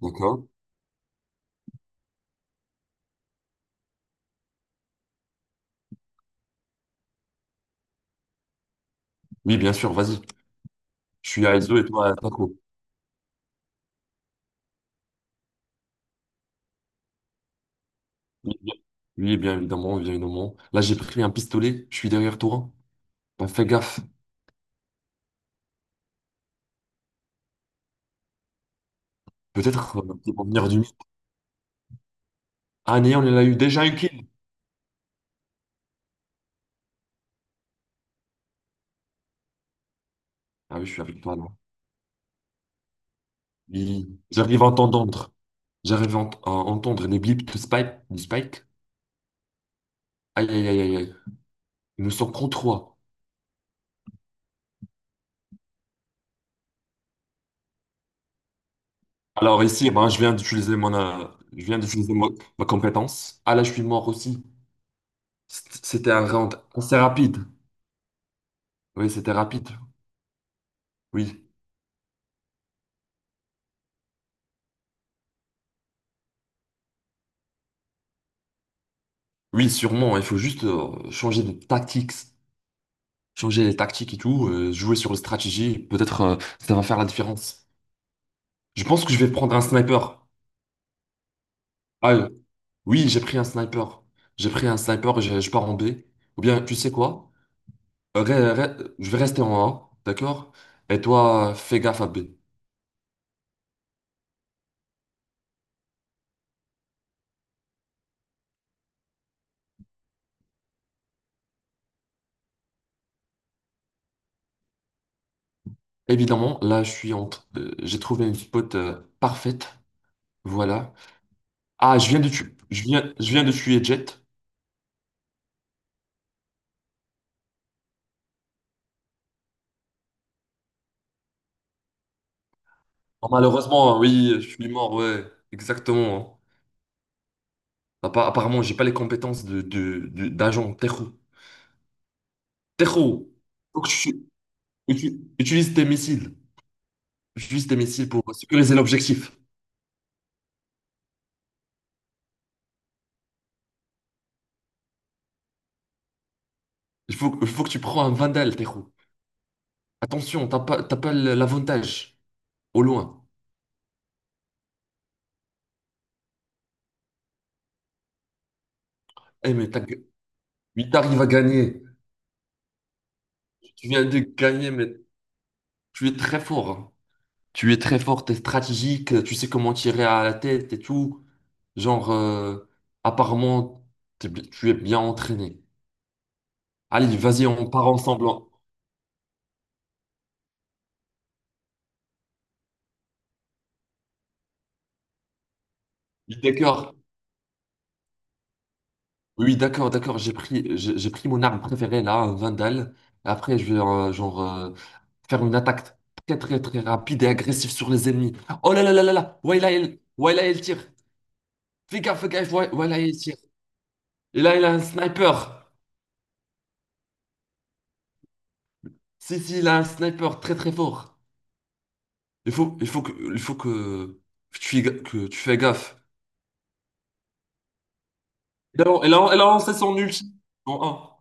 D'accord. Oui, bien sûr, vas-y. Je suis à ISO et toi à Taco. Oui, bien oui, bien évidemment, bien évidemment. Là, j'ai pris un pistolet, je suis derrière toi. Bah, fais gaffe. Peut-être qu'ils vont venir du mid. Ah, néant, il a eu déjà une kill. Ah oui, je suis avec toi là. Oui. J'arrive à, à entendre les blips de Spike. Du Spike. Aïe, aïe, aïe, aïe, aïe. Ils nous sont contre trois. Alors ici, eh ben, je viens d'utiliser ma compétence. Ah là, je suis mort aussi. C'était un round assez rapide. Oui, c'était rapide. Oui. Oui, sûrement. Il faut juste changer de tactique, changer les tactiques et tout, jouer sur la stratégie. Peut-être ça va faire la différence. Je pense que je vais prendre un sniper. Ah euh, oui, j'ai pris un sniper. J'ai pris un sniper, je pars en B. Ou bien, tu sais quoi? Euh, re- je vais rester en A, d'accord? Et toi, fais gaffe à B. Évidemment, là, je suis en, j'ai trouvé une spot parfaite. Voilà. Ah, je viens de tuer Jet. Oh, malheureusement, oui, je suis mort, ouais, exactement, hein. Apparemment, j'ai pas les compétences de, d'agent. Tejo. Tejo, faut que tu utilises tes missiles. Utilise tes missiles pour sécuriser l'objectif. Il faut que tu prends un Vandal, Tejo. Attention, t'as pas l'avantage au loin. Eh, mais t'arrives à gagner. Tu viens de gagner, mais tu es très fort, hein. Tu es très fort, t'es stratégique, tu sais comment tirer à la tête et tout. Genre, euh, apparemment, tu es bien entraîné. Allez, vas-y, on part ensemble, hein. Oui, d'accord. Oui, d'accord, d'accord. J'ai pris mon arme préférée là, un Vandal. Après, je vais faire une attaque très très très rapide et agressive sur les ennemis. Oh là là là là là. Ouais là il tire. Fais gaffe, fais gaffe. Ouais, ouais, là il tire. Et là il a un sniper. Si si, il a un sniper très très fort. Il faut que que tu fais gaffe. Et là, elle a lancé son ulti en un.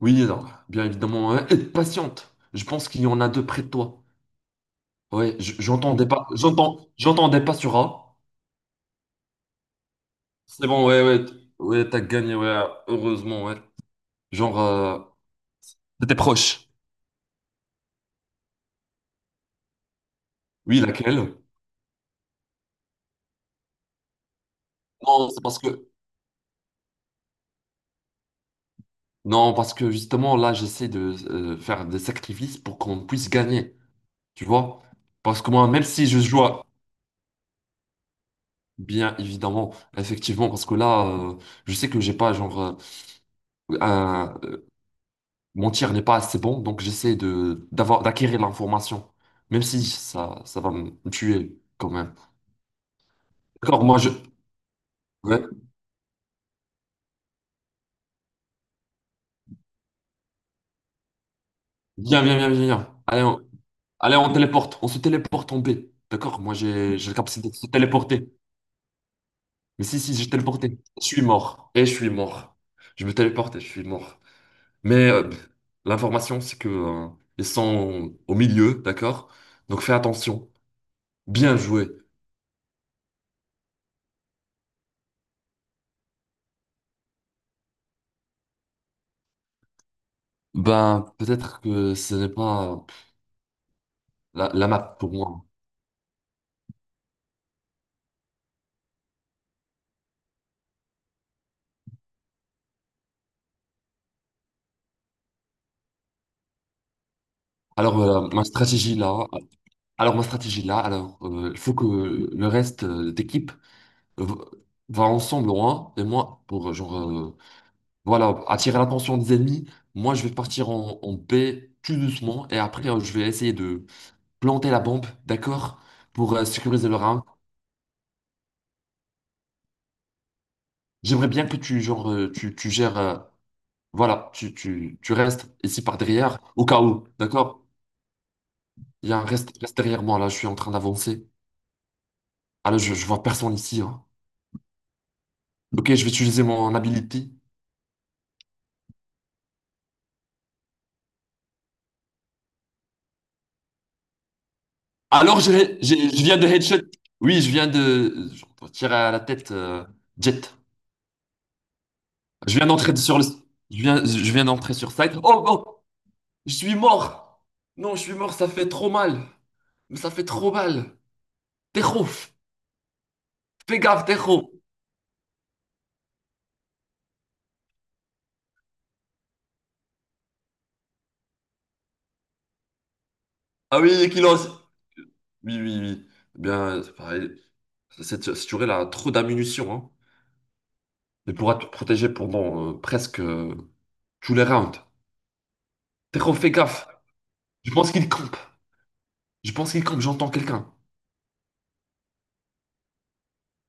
Oui, non. Bien évidemment, hein. Et patiente. Je pense qu'il y en a deux près de toi. Ouais, j'entendais pas sur A. C'est bon, ouais, ouais, t'as gagné, ouais, heureusement, ouais. Genre, euh, t'étais proche. Oui, laquelle? Non, c'est parce que, non, parce que justement, là, j'essaie de faire des sacrifices pour qu'on puisse gagner, tu vois? Parce que moi, même si je joue, à- Bien évidemment, effectivement, parce que là, je sais que j'ai pas, un- euh, mon tir n'est pas assez bon, donc d'avoir, d'acquérir l'information, même si ça va me tuer quand même. D'accord, moi je. Ouais. Viens, viens, viens, viens, viens. Allez, on... Allez, on téléporte. On se téléporte en paix, d'accord? Moi j'ai la capacité de se téléporter. Mais si, si, j'ai téléporté. Je suis mort. Et je suis mort. Je me téléporte et je suis mort. Mais euh, l'information, c'est que ils sont au milieu, d'accord? Donc fais attention. Bien joué. Ben, peut-être que ce n'est pas la, la map pour moi. Alors, ma stratégie là. Alors, ma stratégie là, alors, il faut que le reste d'équipe v- va ensemble loin, et moi, pour voilà, attirer l'attention des ennemis, moi je vais partir en, en paix tout doucement, et après je vais essayer de planter la bombe, d'accord, pour sécuriser leur arme. J'aimerais bien que tu gères, voilà, tu restes ici par derrière, au cas où, d'accord? Il y a un reste, reste derrière moi, là, je suis en train d'avancer. Ah là, je vois personne ici, hein. Ok, je vais utiliser mon ability. Alors, je, je viens de headshot. Oui, je viens de je tirer à la tête Jet. Je viens d'entrer sur le. Je viens d'entrer sur site. Oh, oh, je suis mort. Non, je suis mort. Ça fait trop mal. Mais ça fait trop mal. Tejo, fais gaffe, Tejo. Ah oui, Kilos. Oui, oui, oui. Eh bien, c'est pareil. Cette tuerie, elle a trop d'ammunition, hein. Elle pourra te protéger pendant presque tous les rounds. Tejo, fais gaffe. Je pense qu'il campe. Je pense qu'il campe. J'entends quelqu'un.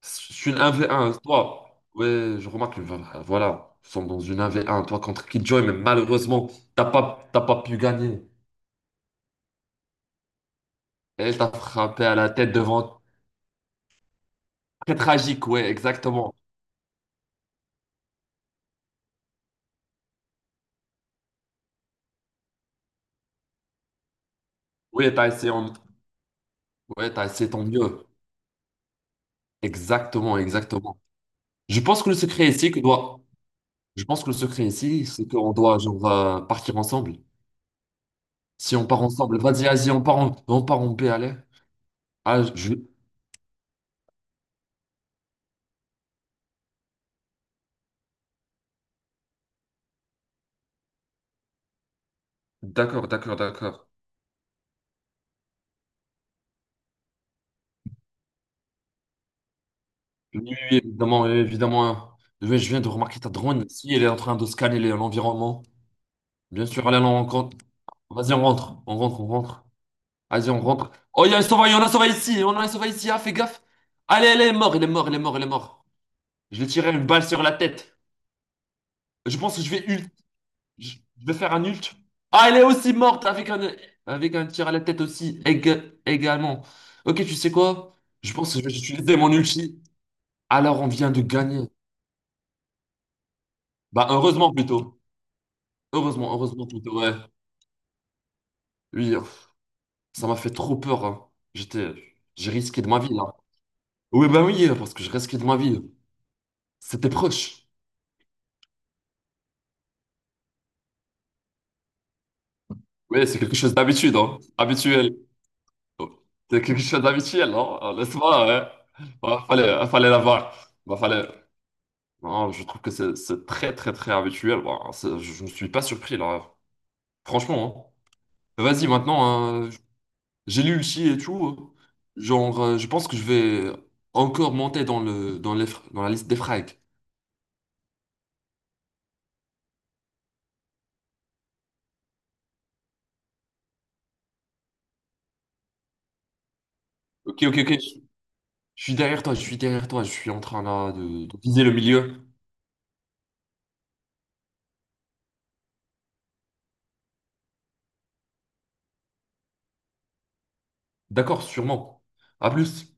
Je suis une 1v1, toi. Ouais, je remarque, que, voilà, voilà, nous sommes dans une un v 1 toi contre Kid Joy, mais malheureusement, t'as pas pu gagner. Elle t'a frappé à la tête devant. Très tragique, ouais, exactement. Oui, ouais, t'as essayé ton mieux. Exactement, exactement. Je pense que le secret ici, que doit... Je pense que le secret ici, c'est qu'on doit partir ensemble. Si on part ensemble, vas-y, vas-y, on part en B, allez. Ah, je... D'accord, d'accord, d'accord. Oui, oui, évidemment, oui, évidemment. Je viens de remarquer ta drone ici, elle est en train de scanner l'environnement. Bien sûr, allez, on rencontre. Vas-y, on rentre, on rentre, on rentre. Vas-y, on rentre. Oh, il y a un sauvage, on a un sauvage ici, on a un sauvage ici, ah, fais gaffe. Allez, elle est mort, il est mort, il est mort, il est mort. Je vais tirer une balle sur la tête. Je pense que je vais ult. Je vais faire un ult. Ah, elle est aussi morte avec un tir à la tête aussi, également. Ok, tu sais quoi? Je pense que je vais utiliser mon ulti. Alors, on vient de gagner. Bah, heureusement plutôt. Heureusement, heureusement, tout ouais. Oui, pff, ça m'a fait trop peur, hein. J'étais, j'ai risqué de ma vie là. Oui, ben oui, parce que je risquais de ma vie. C'était proche. Oui, c'est quelque chose d'habitude, hein. Habituel. Oh, c'est quelque chose d'habituel, non? N'est-ce pas? Ouais. Bah, fallait, hein, fallait l'avoir. Bah, fallait. Non, je trouve que c'est très, très, très habituel. Bah, je ne suis pas surpris là. Franchement, hein. Vas-y, maintenant, hein, j'ai lu aussi et tout, hein. Je pense que je vais encore monter dans le, dans la liste des frags. Ok, ok, ok. Je suis derrière toi, je suis derrière toi. Je suis en train là de viser le milieu. D'accord, sûrement. À plus.